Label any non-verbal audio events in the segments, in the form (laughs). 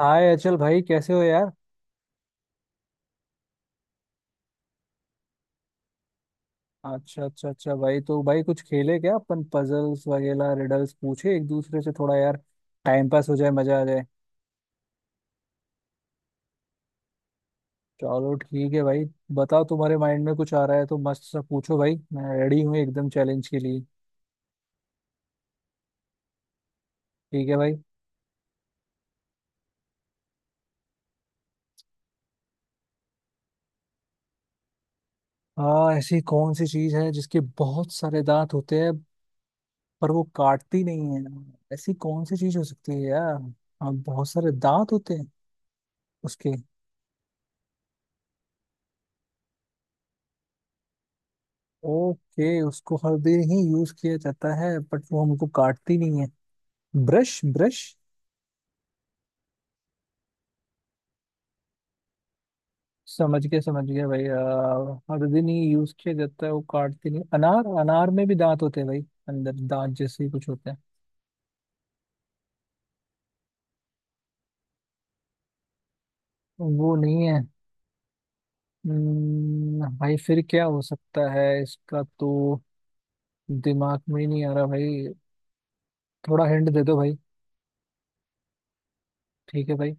हाय अचल भाई, कैसे हो यार। अच्छा अच्छा अच्छा भाई, तो भाई कुछ खेले क्या अपन? पजल्स वगैरह रिडल्स पूछे एक दूसरे से, थोड़ा यार टाइम पास हो जाए, मजा आ जाए। चलो ठीक है भाई। बताओ, तुम्हारे माइंड में कुछ आ रहा है तो मस्त सा पूछो भाई, मैं रेडी हूँ एकदम चैलेंज के लिए। ठीक है भाई। हाँ, ऐसी कौन सी चीज है जिसके बहुत सारे दांत होते हैं पर वो काटती नहीं है। ऐसी कौन सी चीज हो सकती है यार। हाँ, बहुत सारे दांत होते हैं उसके। ओके, उसको हर दिन ही यूज किया जाता है बट वो हमको काटती नहीं है। Brush, brush. समझ गया भाई, हर दिन ही यूज किया जाता है, वो काटती नहीं। अनार, अनार में भी दांत होते हैं भाई, अंदर दांत जैसे ही कुछ होते हैं। वो नहीं है। भाई फिर क्या हो सकता है इसका, तो दिमाग में ही नहीं आ रहा भाई। थोड़ा हिंट दे दो भाई। ठीक है भाई।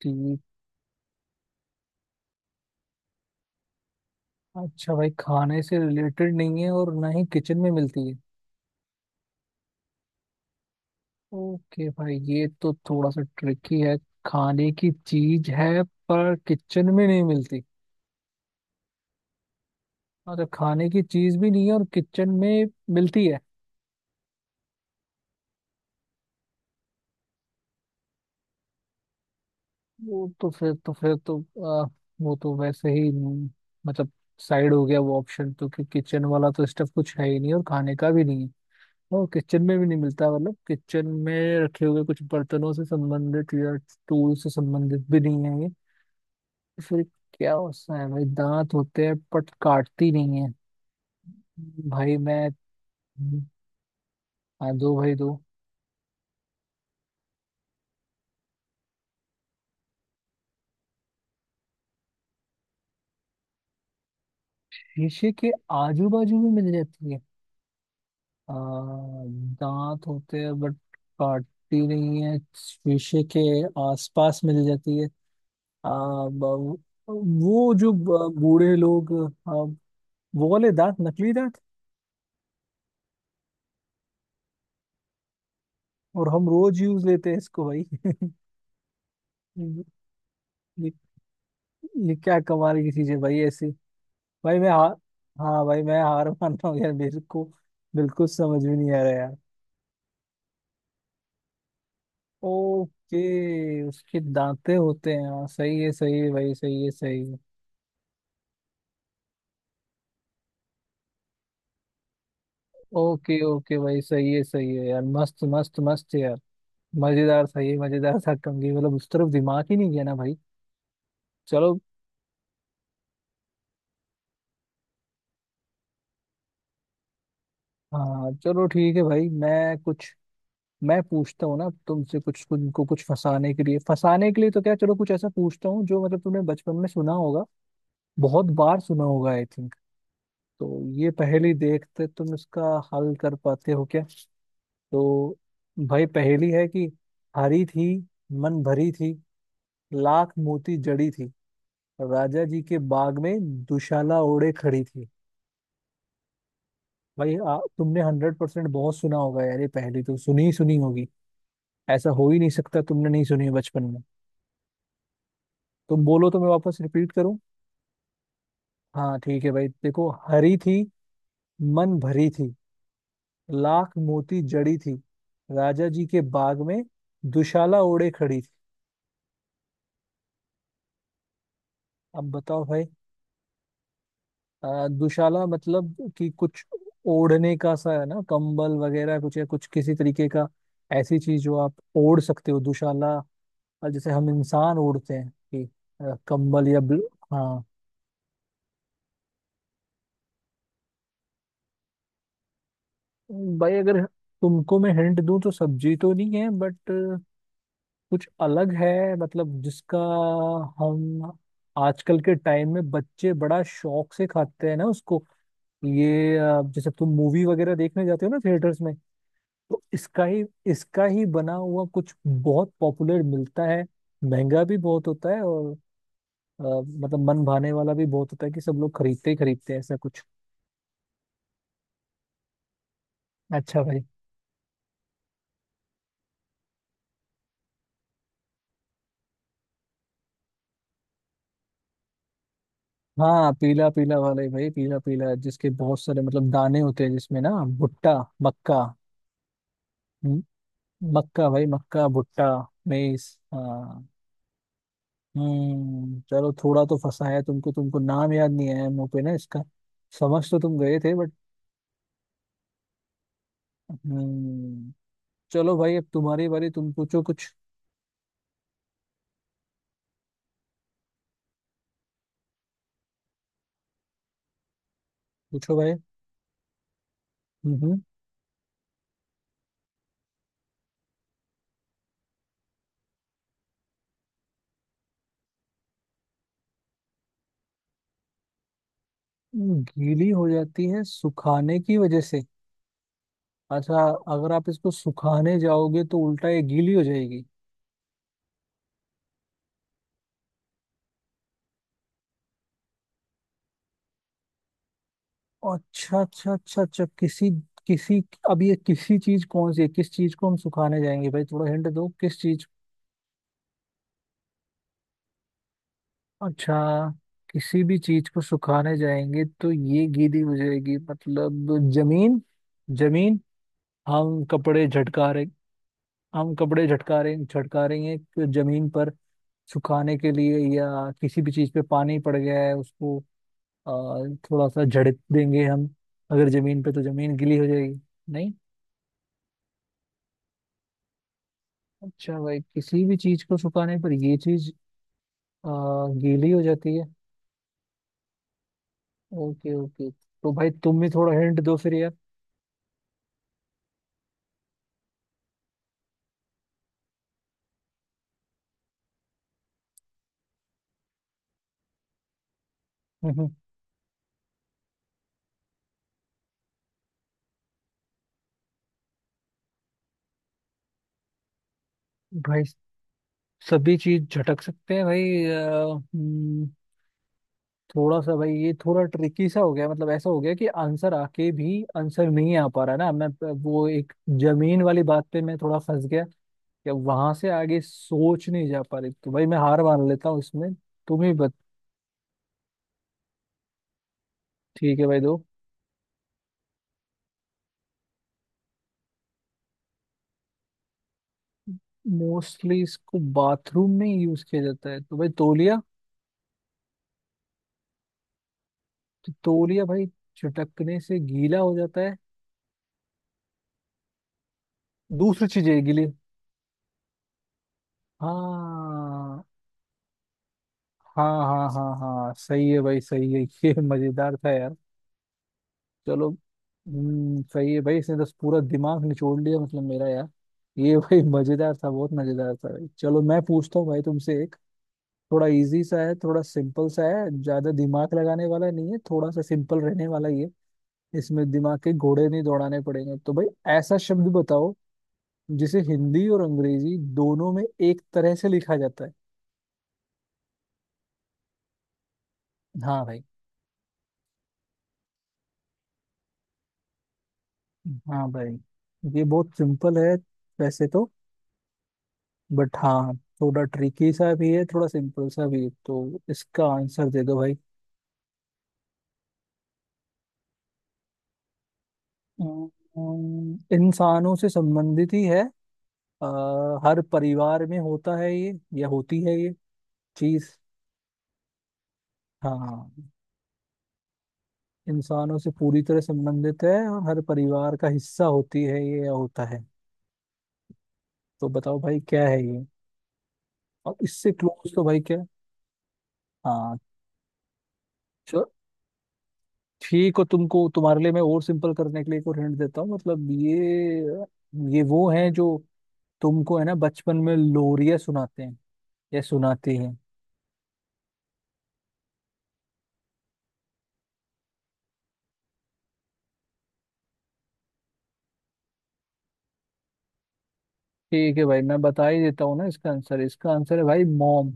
ठीक। अच्छा भाई, खाने से रिलेटेड नहीं है और ना ही किचन में मिलती है। ओके भाई, ये तो थोड़ा सा ट्रिकी है। खाने की चीज है पर किचन में नहीं मिलती। अच्छा, खाने की चीज भी नहीं है और किचन में मिलती है। वो तो फिर तो आ, वो तो वैसे ही मतलब साइड हो गया वो ऑप्शन, तो कि किचन वाला तो स्टफ कुछ है ही नहीं और खाने का भी नहीं है और किचन में भी नहीं मिलता, मतलब किचन में रखे हुए कुछ बर्तनों से संबंधित या टूल से संबंधित भी नहीं है ये। तो फिर क्या होता है भाई, दांत होते हैं बट काटती नहीं है। भाई मैं। हाँ, दो भाई दो। शीशे के आजू बाजू में मिल जाती है। आ, दांत होते हैं बट काटती नहीं है, शीशे के आसपास मिल जाती है। आ, ब- वो जो बूढ़े लोग, आ, वो वाले दांत, नकली दांत, और हम रोज यूज लेते हैं इसको भाई (laughs) ये, ये क्या कमाल की चीज है भाई ऐसी। भाई मैं हार हाँ भाई, मैं हार मान रहा हूँ यार, मेरे को बिल्कुल समझ में नहीं आ रहा। ओके, उसके दांते होते हैं, हाँ सही है भाई, सही है सही है। ओके ओके भाई, सही है यार, मस्त मस्त मस्त है यार। मजेदार, सही है, मजेदार था कंगी, मतलब उस तरफ दिमाग ही नहीं गया ना भाई। चलो। हाँ चलो ठीक है भाई, मैं पूछता हूँ ना तुमसे कुछ, तुमको कुछ फंसाने के लिए, तो क्या चलो कुछ ऐसा पूछता हूँ जो मतलब तुमने बचपन में सुना होगा, बहुत बार सुना होगा आई थिंक। तो ये पहेली देखते तुम इसका हल कर पाते हो क्या। तो भाई पहेली है कि हरी थी, मन भरी थी, लाख मोती जड़ी थी, राजा जी के बाग में दुशाला ओढ़े खड़ी थी। भाई तुमने 100% बहुत सुना होगा यार ये पहेली, तो सुनी ही सुनी होगी, ऐसा हो ही नहीं सकता तुमने नहीं सुनी हो बचपन में। तो बोलो तो मैं वापस रिपीट करूं। हाँ ठीक है भाई, देखो, हरी थी, मन भरी थी, लाख मोती जड़ी थी, राजा जी के बाग में दुशाला ओढ़े खड़ी थी। अब बताओ भाई। दुशाला मतलब कि कुछ ओढ़ने का सा है ना, कंबल वगैरह कुछ, या कुछ किसी तरीके का ऐसी चीज जो आप ओढ़ सकते हो, दुशाला। और जैसे हम इंसान ओढ़ते हैं कि कंबल या ब्ल...। हाँ। भाई अगर तुमको मैं हिंट दूं तो सब्जी तो नहीं है बट कुछ अलग है, मतलब जिसका हम आजकल के टाइम में बच्चे बड़ा शौक से खाते हैं ना उसको। ये जैसे तुम मूवी वगैरह देखने जाते हो ना थिएटर्स में, तो इसका ही बना हुआ कुछ बहुत पॉपुलर मिलता है, महंगा भी बहुत होता है, और मतलब मन भाने वाला भी बहुत होता है कि सब लोग खरीदते ही खरीदते हैं ऐसा कुछ। अच्छा भाई। हाँ पीला पीला वाले भाई, पीला पीला जिसके बहुत सारे मतलब दाने होते हैं जिसमें ना, भुट्टा, मक्का। हम्म, मक्का भाई, मक्का, भुट्टा, मेस, हाँ। हम्म। चलो थोड़ा तो फंसाया तुमको, तुमको नाम याद नहीं आया मुंह पे ना इसका, समझ तो तुम गए थे बट। हम्म। चलो भाई, अब तुम्हारी बारी, तुम पूछो कुछ। पूछो भाई। हम्म। गीली हो जाती है सुखाने की वजह से, अच्छा। अगर आप इसको सुखाने जाओगे तो उल्टा ये गीली हो जाएगी। अच्छा अच्छा अच्छा अच्छा, किसी किसी अब ये किसी चीज कौन सी है, किस चीज को हम सुखाने जाएंगे भाई, थोड़ा हिंट दो किस चीज। अच्छा, किसी भी चीज को सुखाने जाएंगे तो ये गीली हो जाएगी, मतलब जमीन। जमीन, हम कपड़े झटका रहे, झटका रही हैं कि जमीन पर सुखाने के लिए, या किसी भी चीज पे पानी पड़ गया है उसको अ, थोड़ा सा झड़क देंगे हम, अगर जमीन पे, तो जमीन गीली हो जाएगी, नहीं? अच्छा भाई, किसी भी चीज को सुखाने पर ये चीज अ, गीली हो जाती है। ओके ओके, तो भाई तुम भी थोड़ा हिंट दो फिर यार। हम्म, हम्म। भाई सभी चीज झटक सकते हैं भाई। थोड़ा सा भाई, ये थोड़ा ट्रिकी सा हो गया, मतलब ऐसा हो गया कि आंसर आके भी आंसर नहीं आ पा रहा ना। मैं वो एक जमीन वाली बात पे मैं थोड़ा फंस गया, या वहां से आगे सोच नहीं जा पा रही, तो भाई मैं हार मान लेता हूँ इसमें। तुम ही बत। ठीक है भाई, दो। मोस्टली इसको बाथरूम में यूज किया जाता है तो भाई, तौलिया। तो तौलिया भाई चटकने से गीला हो जाता है? दूसरी चीज है गीली। हाँ हाँ हाँ हाँ हाँ, सही है भाई सही है (laughs) ये मजेदार था यार। चलो, सही है भाई, इसने तो पूरा दिमाग निचोड़ लिया मतलब मेरा यार ये (laughs) भाई मजेदार था, बहुत मजेदार था भाई। चलो मैं पूछता हूँ भाई तुमसे एक, थोड़ा इजी सा है, थोड़ा सिंपल सा है, ज्यादा दिमाग लगाने वाला नहीं है, थोड़ा सा सिंपल रहने वाला ये, इसमें दिमाग के घोड़े नहीं दौड़ाने पड़ेंगे, तो भाई, ऐसा शब्द बताओ जिसे हिंदी और अंग्रेजी दोनों में एक तरह से लिखा जाता है। हाँ भाई। हाँ भाई, ये बहुत सिंपल है वैसे तो, बट हाँ थोड़ा ट्रिकी सा भी है, थोड़ा सिंपल सा भी है, तो इसका आंसर दे दो भाई। इंसानों से संबंधित ही है, अ, हर परिवार में होता है ये, या होती है ये चीज। हाँ, इंसानों से पूरी तरह संबंधित है और हर परिवार का हिस्सा होती है ये या होता है, तो बताओ भाई क्या है ये। और इससे क्लोज तो भाई क्या। हाँ। चलो ठीक हो, तुमको तुम्हारे लिए मैं और सिंपल करने के लिए एक और हिंट देता हूँ। मतलब ये वो है जो तुमको है ना बचपन में लोरिया सुनाते हैं, या सुनाती है। ठीक है भाई, मैं बता ही देता हूँ ना इसका आंसर। इसका आंसर है भाई मॉम,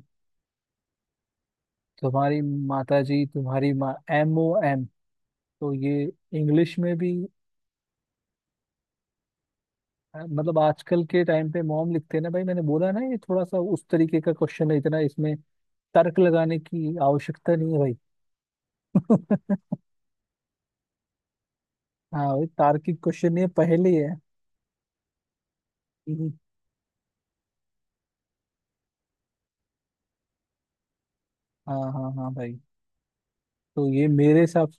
तुम्हारी माता जी, तुम्हारी माँ, एम ओ एम, तो ये इंग्लिश में भी। मतलब आजकल के टाइम पे मॉम लिखते हैं ना भाई, मैंने बोला ना ये थोड़ा सा उस तरीके का क्वेश्चन है, इतना इसमें तर्क लगाने की आवश्यकता नहीं है भाई (laughs) हाँ भाई, तार्किक क्वेश्चन ये पहले ही है। हम्म। हाँ हाँ हाँ भाई, तो ये मेरे हिसाब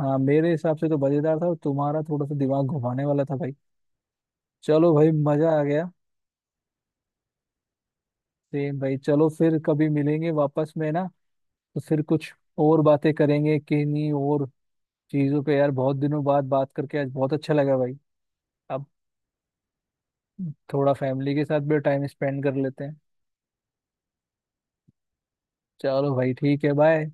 हाँ मेरे हिसाब से तो मजेदार था, और तुम्हारा थोड़ा सा दिमाग घुमाने वाला था भाई। चलो भाई, मजा आ गया। सेम भाई। चलो फिर कभी मिलेंगे वापस में ना, तो फिर कुछ और बातें करेंगे किन्हीं और चीजों पे यार। बहुत दिनों बाद बात करके आज बहुत अच्छा लगा भाई। अब थोड़ा फैमिली के साथ भी टाइम स्पेंड कर लेते हैं। चलो भाई ठीक है, बाय।